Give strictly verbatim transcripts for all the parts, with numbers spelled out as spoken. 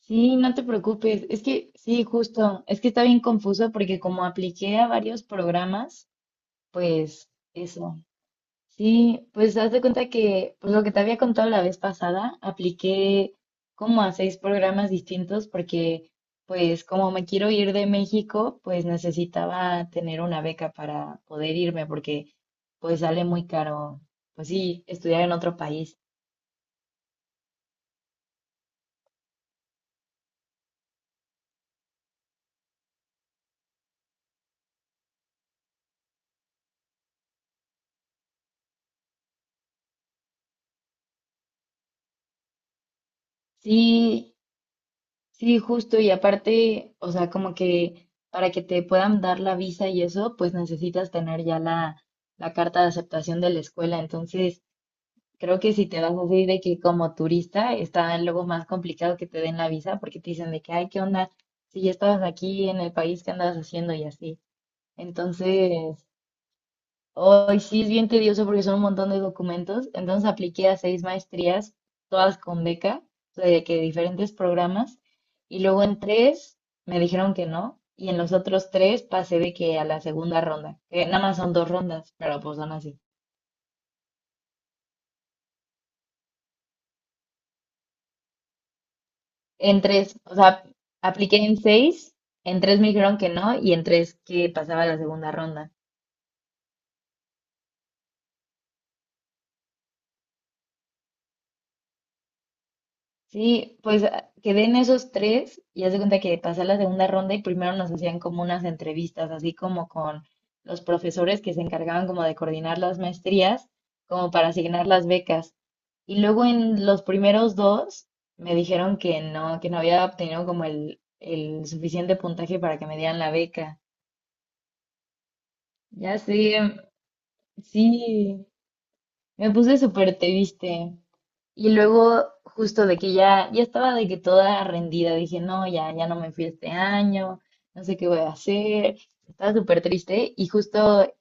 Sí, no te preocupes. Es que sí, justo. Es que está bien confuso porque como apliqué a varios programas, pues eso. Sí, pues haz de cuenta que pues lo que te había contado la vez pasada, apliqué como a seis programas distintos porque pues como me quiero ir de México, pues necesitaba tener una beca para poder irme porque pues sale muy caro, pues sí, estudiar en otro país. Sí, sí, justo, y aparte, o sea, como que para que te puedan dar la visa y eso, pues necesitas tener ya la, la carta de aceptación de la escuela. Entonces, creo que si te vas así de que como turista, está luego más complicado que te den la visa porque te dicen de que, ay, ¿qué onda? Si ya estabas aquí en el país, ¿qué andabas haciendo? Y así. Entonces, hoy sí es bien tedioso porque son un montón de documentos. Entonces apliqué a seis maestrías, todas con beca, o sea, de que diferentes programas. Y luego en tres me dijeron que no. Y en los otros tres pasé de que a la segunda ronda, que nada más son dos rondas, pero pues son así. En tres, o sea, apliqué en seis, en tres me dijeron que no y en tres que pasaba a la segunda ronda. Sí, pues a- quedé en esos tres y haz de cuenta que pasé la segunda ronda y primero nos hacían como unas entrevistas, así como con los profesores que se encargaban como de coordinar las maestrías, como para asignar las becas. Y luego en los primeros dos me dijeron que no, que no había obtenido como el, el suficiente puntaje para que me dieran la beca. Ya sé, sí, me puse súper triste. Y luego, justo de que ya, ya estaba de que toda rendida, dije, no, ya, ya no me fui este año, no sé qué voy a hacer. Estaba súper triste y justo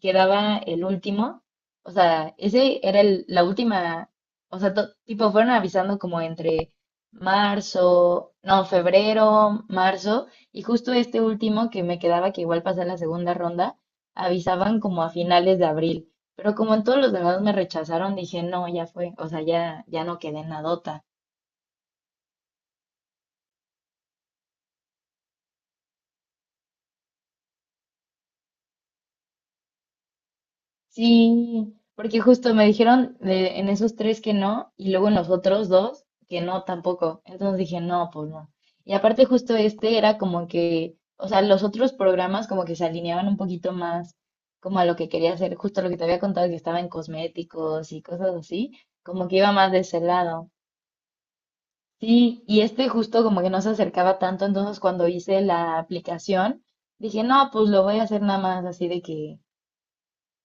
quedaba el último, o sea, ese era el- la última, o sea, to- tipo, fueron avisando como entre marzo, no, febrero, marzo, y justo este último que me quedaba, que igual pasé la segunda ronda, avisaban como a finales de abril. Pero como en todos los demás me rechazaron, dije, no, ya fue, o sea, ya, ya no quedé en nadota. Sí, porque justo me dijeron de- en esos tres que no, y luego en los otros dos que no tampoco. Entonces dije, no, pues no. Y aparte justo este era como que, o sea, los otros programas como que se alineaban un poquito más como a lo que quería hacer, justo lo que te había contado que estaba en cosméticos y cosas así, como que iba más de ese lado. Sí, y este justo como que no se acercaba tanto, entonces cuando hice la aplicación, dije, no, pues lo voy a hacer nada más así de que,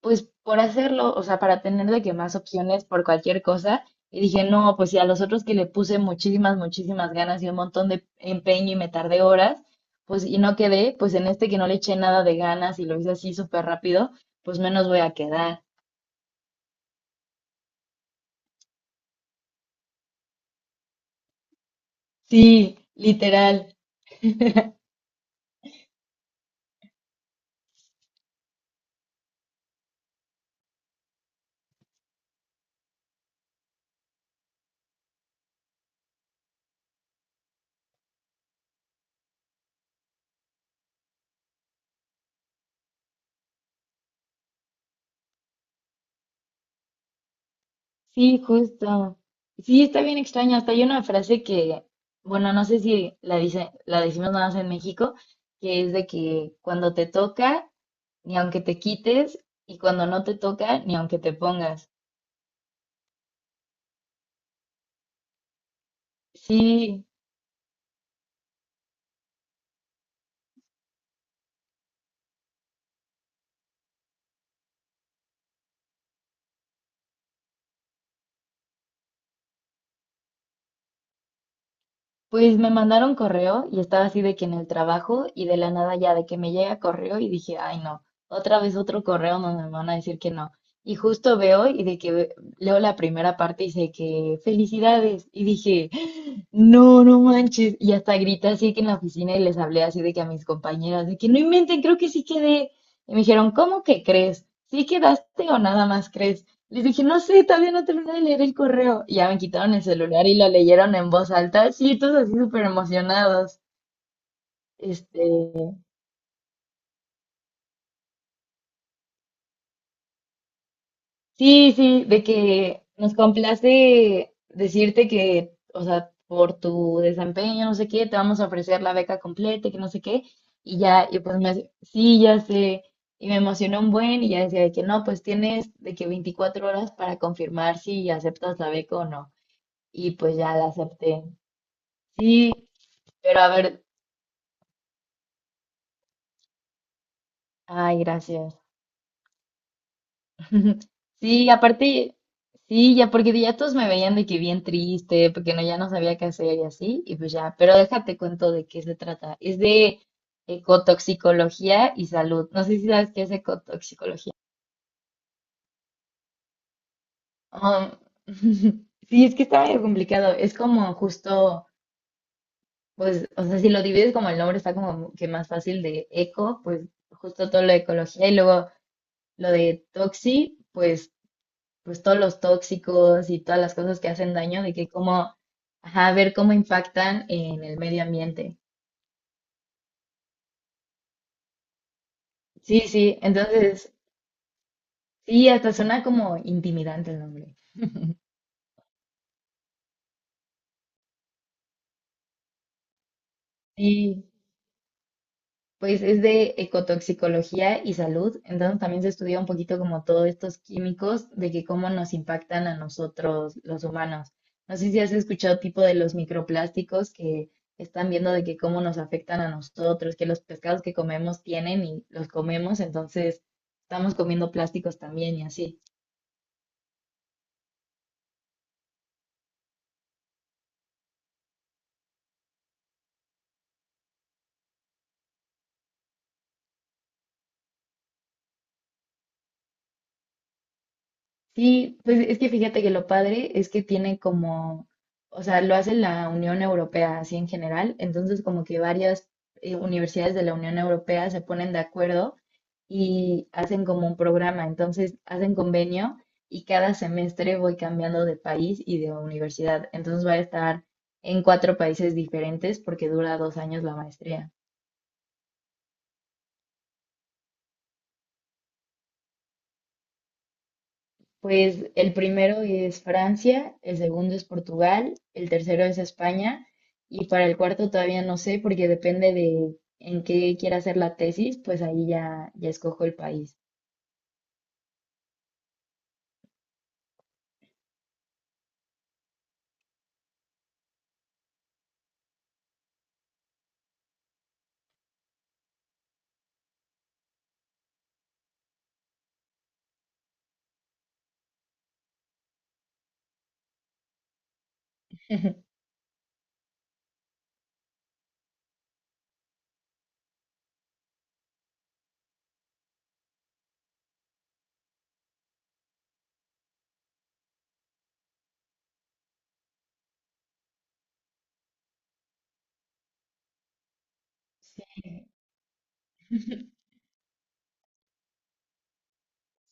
pues por hacerlo, o sea, para tener de que más opciones por cualquier cosa. Y dije, no, pues si a los otros que le puse muchísimas, muchísimas ganas y un montón de empeño y me tardé horas, pues y no quedé, pues en este que no le eché nada de ganas y lo hice así súper rápido, pues menos voy a quedar. Sí, literal. Sí, justo. Sí, está bien extraño. Hasta hay una frase que, bueno, no sé si la dice, la decimos nada más en México, que es de que cuando te toca, ni aunque te quites, y cuando no te toca, ni aunque te pongas. Sí, pues me mandaron correo y estaba así de que en el trabajo y de la nada ya de que me llega correo y dije, ay no, otra vez otro correo donde me van a decir que no. Y justo veo y de que ve- leo la primera parte y dice que felicidades. Y dije, no, no manches. Y hasta grité así que en la oficina y les hablé así de que a mis compañeras, de que no inventen, creo que sí quedé. Y me dijeron, ¿cómo que crees? ¿Sí quedaste o nada más crees? Les dije, no sé, todavía no terminé de leer el correo. Y ya me quitaron el celular y lo leyeron en voz alta. Sí, todos así súper emocionados. Este, sí, sí, de que nos complace decirte que, o sea, por tu desempeño, no sé qué, te vamos a ofrecer la beca completa, y que no sé qué. Y ya, y pues me hace, sí, ya sé. Y me emocionó un buen y ya decía de que no, pues tienes de que veinticuatro horas para confirmar si aceptas la beca o no. Y pues ya la acepté. Sí, pero a ver, ay, gracias. Sí, aparte, sí, ya porque ya todos me veían de que bien triste, porque no, ya no sabía qué hacer y así, y pues ya, pero déjate cuento de qué se trata. Es de ecotoxicología y salud. No sé si sabes qué es ecotoxicología. Um, sí, es que está medio complicado. Es como justo, pues, o sea, si lo divides como el nombre está como que más fácil de eco, pues justo todo lo de ecología y luego lo de toxi, pues pues todos los tóxicos y todas las cosas que hacen daño, de que cómo, ajá, ver cómo impactan en el medio ambiente. Sí, sí, entonces, sí, hasta suena como intimidante el nombre. Sí, pues es de ecotoxicología y salud, entonces también se estudia un poquito como todos estos químicos de que cómo nos impactan a nosotros los humanos. No sé si has escuchado tipo de los microplásticos que están viendo de que cómo nos afectan a nosotros, que los pescados que comemos tienen y los comemos, entonces estamos comiendo plásticos también y así. Sí, pues es que fíjate que lo padre es que tiene como, o sea, lo hace la Unión Europea así en general, entonces como que varias eh, universidades de la Unión Europea se ponen de acuerdo y hacen como un programa, entonces hacen convenio y cada semestre voy cambiando de país y de universidad, entonces voy a estar en cuatro países diferentes porque dura dos años la maestría. Pues el primero es Francia, el segundo es Portugal, el tercero es España y para el cuarto todavía no sé porque depende de en qué quiera hacer la tesis, pues ahí ya, ya escojo el país. Sí,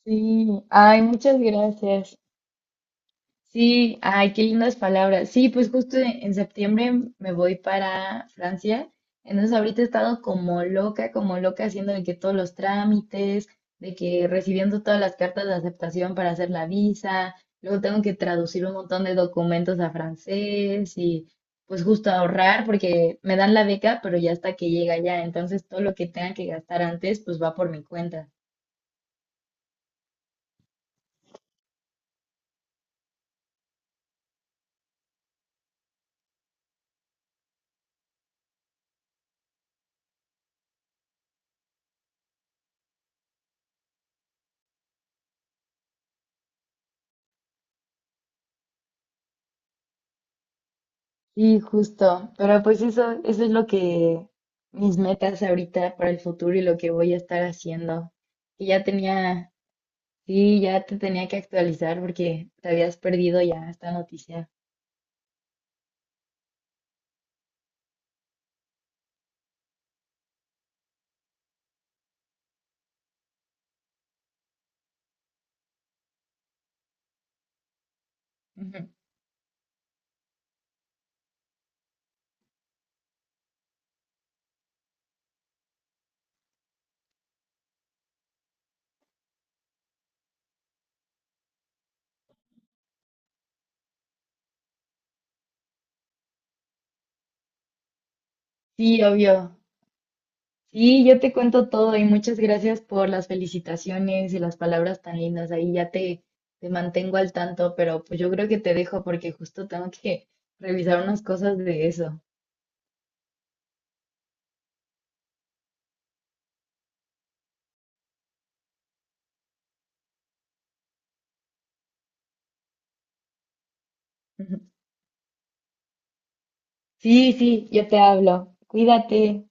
sí. Ay, muchas gracias. Sí, ay, qué lindas palabras. Sí, pues justo en en septiembre me voy para Francia. Entonces ahorita he estado como loca, como loca haciendo de que todos los trámites, de que recibiendo todas las cartas de aceptación para hacer la visa, luego tengo que traducir un montón de documentos a francés y pues justo ahorrar porque me dan la beca, pero ya hasta que llega ya. Entonces todo lo que tenga que gastar antes, pues va por mi cuenta. Sí, justo. Pero pues eso, eso es lo que mis metas ahorita para el futuro y lo que voy a estar haciendo. Y ya tenía, sí, ya te tenía que actualizar porque te habías perdido ya esta noticia. Ujú. Sí, obvio. Sí, yo te cuento todo y muchas gracias por las felicitaciones y las palabras tan lindas. Ahí ya te, te mantengo al tanto, pero pues yo creo que te dejo porque justo tengo que revisar unas cosas de eso. Sí, sí, yo te hablo. Cuídate.